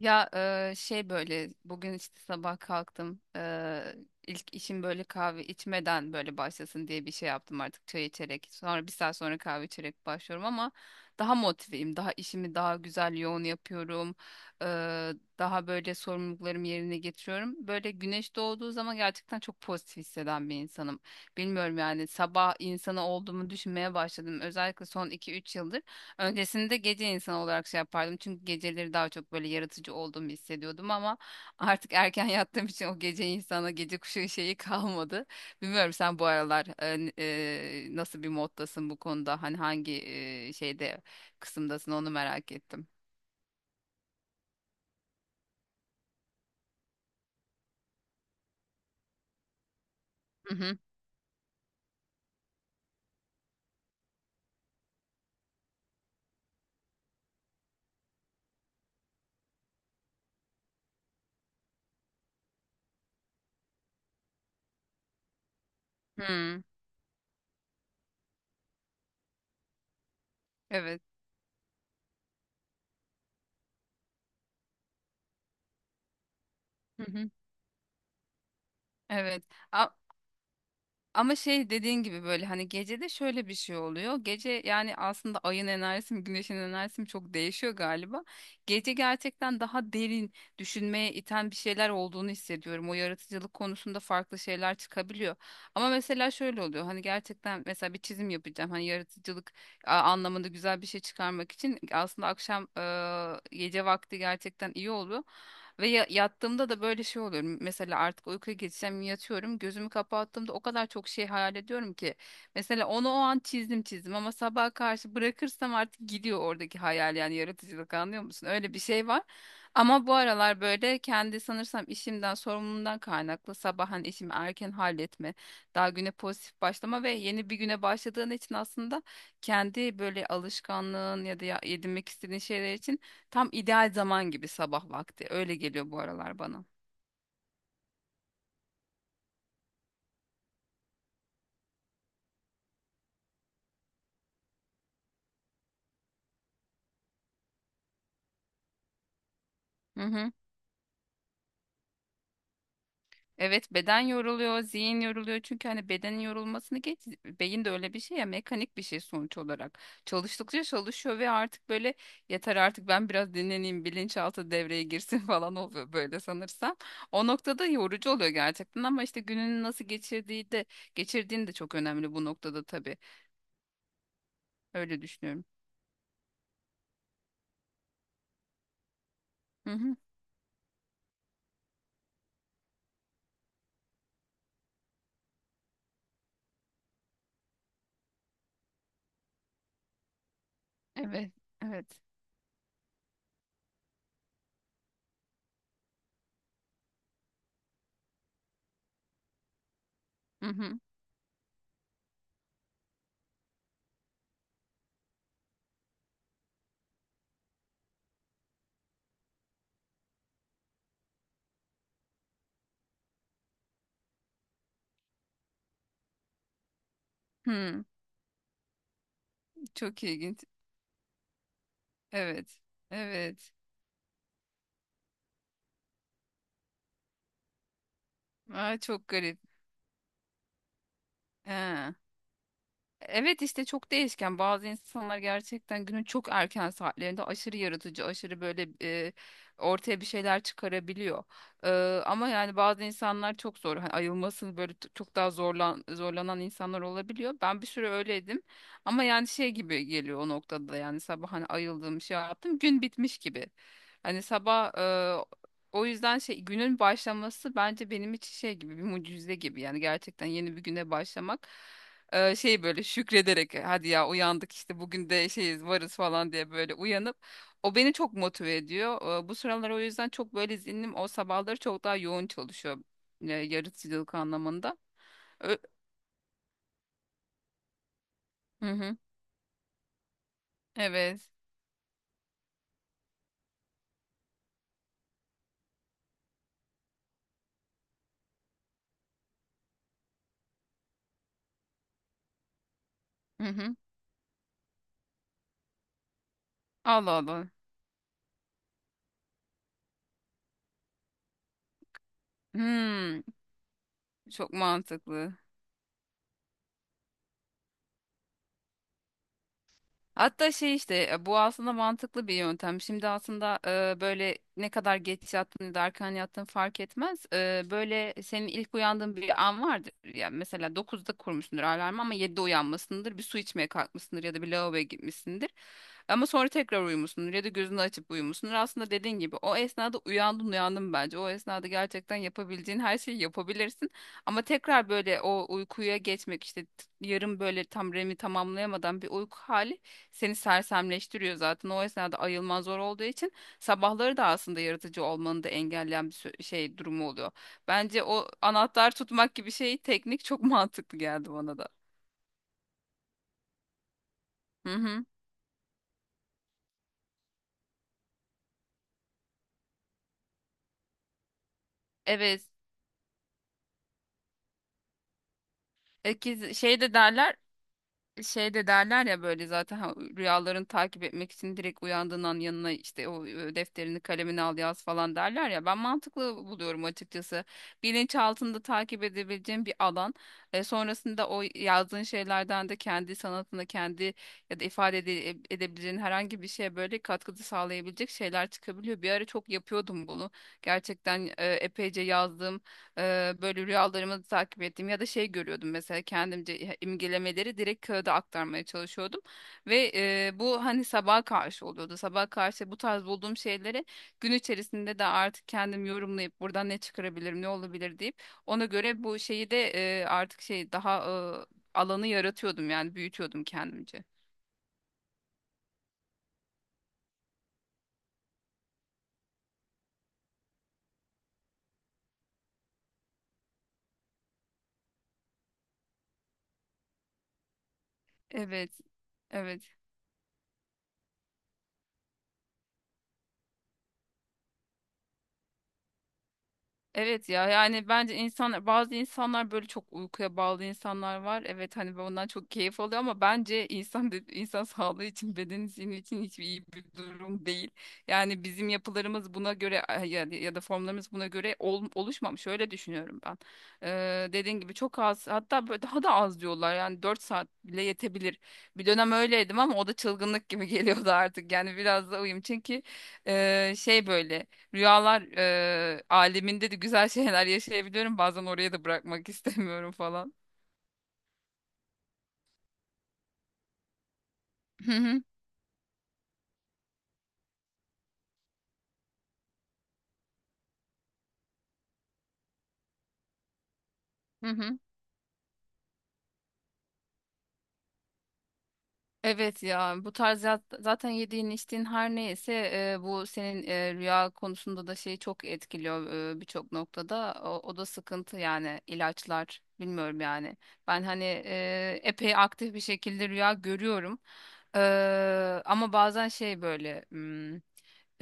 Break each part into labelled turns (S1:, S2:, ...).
S1: Ya şey böyle bugün işte sabah kalktım ilk işim böyle kahve içmeden böyle başlasın diye bir şey yaptım artık çay içerek, sonra bir saat sonra kahve içerek başlıyorum ama daha motiveyim, daha işimi daha güzel yoğun yapıyorum. E, Daha böyle sorumluluklarımı yerine getiriyorum. Böyle güneş doğduğu zaman gerçekten çok pozitif hisseden bir insanım. Bilmiyorum, yani sabah insanı olduğumu düşünmeye başladım özellikle son iki üç yıldır. Öncesinde gece insanı olarak şey yapardım. Çünkü geceleri daha çok böyle yaratıcı olduğumu hissediyordum ama artık erken yattığım için o gece insana, gece kuşu şeyi kalmadı. Bilmiyorum sen bu aralar nasıl bir moddasın bu konuda? Hani hangi şeyde, kısımdasın, onu merak ettim. Hı hı. Hı. Evet. Hı hı. Evet. Ama şey dediğin gibi böyle hani gecede şöyle bir şey oluyor. Gece yani aslında ayın enerjisi mi, güneşin enerjisi mi çok değişiyor galiba. Gece gerçekten daha derin düşünmeye iten bir şeyler olduğunu hissediyorum. O yaratıcılık konusunda farklı şeyler çıkabiliyor. Ama mesela şöyle oluyor. Hani gerçekten mesela bir çizim yapacağım. Hani yaratıcılık anlamında güzel bir şey çıkarmak için aslında akşam, gece vakti gerçekten iyi oluyor. Ve yattığımda da böyle şey oluyorum. Mesela artık uykuya geçsem yatıyorum. Gözümü kapattığımda o kadar çok şey hayal ediyorum ki. Mesela onu o an çizdim çizdim ama sabaha karşı bırakırsam artık gidiyor oradaki hayal, yani yaratıcılık, anlıyor musun? Öyle bir şey var. Ama bu aralar böyle kendi sanırsam işimden, sorumluluğumdan kaynaklı sabah hani işimi erken halletme, daha güne pozitif başlama ve yeni bir güne başladığın için aslında kendi böyle alışkanlığın ya da edinmek istediğin şeyler için tam ideal zaman gibi sabah vakti. Öyle geliyor bu aralar bana. Hı hı. Evet, beden yoruluyor, zihin yoruluyor. Çünkü hani bedenin yorulmasını geç, beyin de öyle bir şey ya, mekanik bir şey sonuç olarak. Çalıştıkça çalışıyor ve artık böyle yeter artık, ben biraz dinleneyim, bilinçaltı devreye girsin falan oluyor böyle sanırsam. O noktada yorucu oluyor gerçekten ama işte gününü nasıl geçirdiğin de çok önemli bu noktada tabii. Öyle düşünüyorum. Hı hı. Evet, evet. Hı hı. Hı. Çok ilginç. Evet. Evet. Aa, çok garip. He. Evet işte çok değişken. Bazı insanlar gerçekten günün çok erken saatlerinde aşırı yaratıcı, aşırı böyle, ortaya bir şeyler çıkarabiliyor. E, Ama yani bazı insanlar çok zor. Hani ayılması böyle çok daha zorlanan insanlar olabiliyor. Ben bir süre öyleydim. Ama yani şey gibi geliyor o noktada da, yani sabah hani ayıldım, şey yaptım, gün bitmiş gibi. Hani sabah, o yüzden şey, günün başlaması bence benim için şey gibi, bir mucize gibi, yani gerçekten yeni bir güne başlamak. Şey böyle şükrederek, "E, hadi ya uyandık işte, bugün de şeyiz, varız" falan diye böyle uyanıp o beni çok motive ediyor. Bu sıralar o yüzden çok böyle zihnim o sabahları çok daha yoğun çalışıyor, yaratıcılık anlamında. Ö- hı hı. Evet. Hı hı. Allah Allah. Hmm, çok mantıklı. Hatta şey işte, bu aslında mantıklı bir yöntem. Şimdi aslında böyle ne kadar geç yattın ya da erken yattın fark etmez. Böyle senin ilk uyandığın bir an vardır. Yani mesela 9'da kurmuşsundur alarmı ama 7'de uyanmasındır. Bir su içmeye kalkmışsındır ya da bir lavaboya gitmişsindir. Ama sonra tekrar uyumuşsundur ya da gözünü açıp uyumuşsundur. Aslında dediğin gibi o esnada uyandın bence. O esnada gerçekten yapabileceğin her şeyi yapabilirsin. Ama tekrar böyle o uykuya geçmek işte, yarım böyle, tam REM'i tamamlayamadan bir uyku hali seni sersemleştiriyor zaten. O esnada ayılman zor olduğu için sabahları da aslında yaratıcı olmanı da engelleyen bir şey durumu oluyor. Bence o anahtar tutmak gibi şey teknik çok mantıklı geldi bana da. Hı hı. Evet. Şey de derler, şey de derler ya böyle zaten, ha, rüyalarını takip etmek için direkt uyandığın an yanına işte o defterini kalemini al yaz falan derler ya, ben mantıklı buluyorum açıkçası. Bilinçaltında takip edebileceğim bir alan, sonrasında o yazdığın şeylerden de kendi sanatına, kendi ya da ifade edebileceğin herhangi bir şeye böyle katkıda sağlayabilecek şeyler çıkabiliyor. Bir ara çok yapıyordum bunu, gerçekten epeyce yazdım. Böyle rüyalarımı takip ettim ya da şey görüyordum, mesela kendimce imgelemeleri direkt kağıda aktarmaya çalışıyordum ve bu hani sabaha karşı oluyordu. Sabaha karşı bu tarz bulduğum şeyleri gün içerisinde de artık kendim yorumlayıp buradan ne çıkarabilirim, ne olabilir deyip, ona göre bu şeyi de artık şey daha eee, alanı yaratıyordum, yani büyütüyordum kendimce. Evet. Evet. Evet ya, yani bence insan, bazı insanlar böyle çok uykuya bağlı insanlar var. Evet hani ondan çok keyif alıyor ama bence insan insan sağlığı için, beden için hiçbir iyi bir durum değil. Yani bizim yapılarımız buna göre ya da formlarımız buna göre oluşmamış. Öyle düşünüyorum ben. Dediğin gibi çok az, hatta böyle daha da az diyorlar. Yani 4 saat bile yetebilir. Bir dönem öyleydim ama o da çılgınlık gibi geliyordu artık. Yani biraz da uyum, çünkü şey böyle. Rüyalar aleminde de güzel şeyler yaşayabiliyorum. Bazen oraya da bırakmak istemiyorum falan. Hı hı, hı hı. Evet ya, bu tarz zaten yediğin içtiğin her neyse bu senin rüya konusunda da şeyi çok etkiliyor birçok noktada. O da sıkıntı, yani ilaçlar bilmiyorum yani. Ben hani epey aktif bir şekilde rüya görüyorum. E, Ama bazen şey böyle, hmm,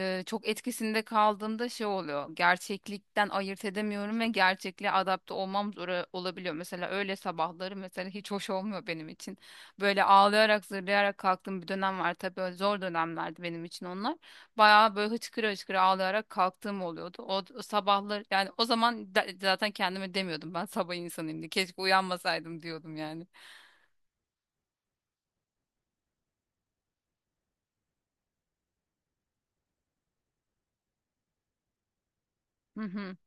S1: e, çok etkisinde kaldığımda şey oluyor. Gerçeklikten ayırt edemiyorum ve gerçekliğe adapte olmam zor olabiliyor. Mesela öyle sabahları mesela hiç hoş olmuyor benim için. Böyle ağlayarak, zırlayarak kalktığım bir dönem var. Tabii öyle zor dönemlerdi benim için onlar. Bayağı böyle hıçkıra hıçkıra ağlayarak kalktığım oluyordu. O sabahlar yani, o zaman zaten kendime demiyordum ben sabah insanıyım diye. Keşke uyanmasaydım diyordum yani.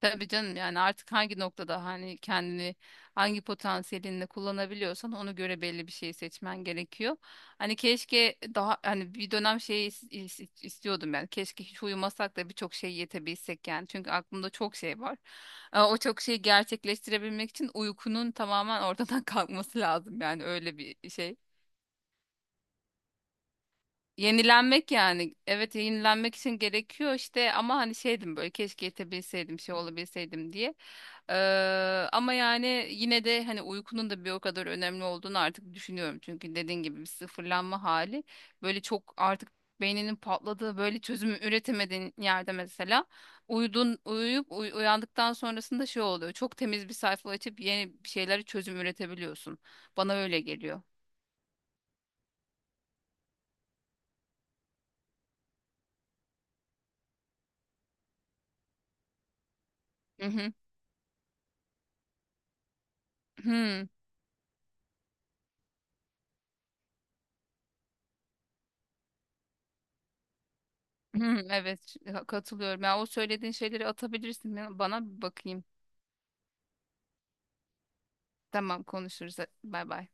S1: Tabii canım, yani artık hangi noktada hani kendini hangi potansiyelinle kullanabiliyorsan ona göre belli bir şey seçmen gerekiyor. Hani keşke daha hani bir dönem istiyordum yani, keşke hiç uyumasak da birçok şey yetebilsek yani, çünkü aklımda çok şey var. O çok şeyi gerçekleştirebilmek için uykunun tamamen ortadan kalkması lazım, yani öyle bir şey. Yenilenmek yani. Evet, yenilenmek için gerekiyor işte, ama hani şeydim böyle, keşke yetebilseydim, şey olabilseydim diye. Ee, Ama yani yine de hani uykunun da bir o kadar önemli olduğunu artık düşünüyorum. Çünkü dediğin gibi bir sıfırlanma hali, böyle çok artık beyninin patladığı, böyle çözümü üretemediğin yerde mesela uyandıktan sonrasında şey oluyor. Çok temiz bir sayfa açıp yeni bir şeylere çözüm üretebiliyorsun. Bana öyle geliyor. Hı hı. Hı. Hmm. Evet, katılıyorum. Ya o söylediğin şeyleri atabilirsin. Ya bana bir bakayım. Tamam, konuşuruz. Bay bay.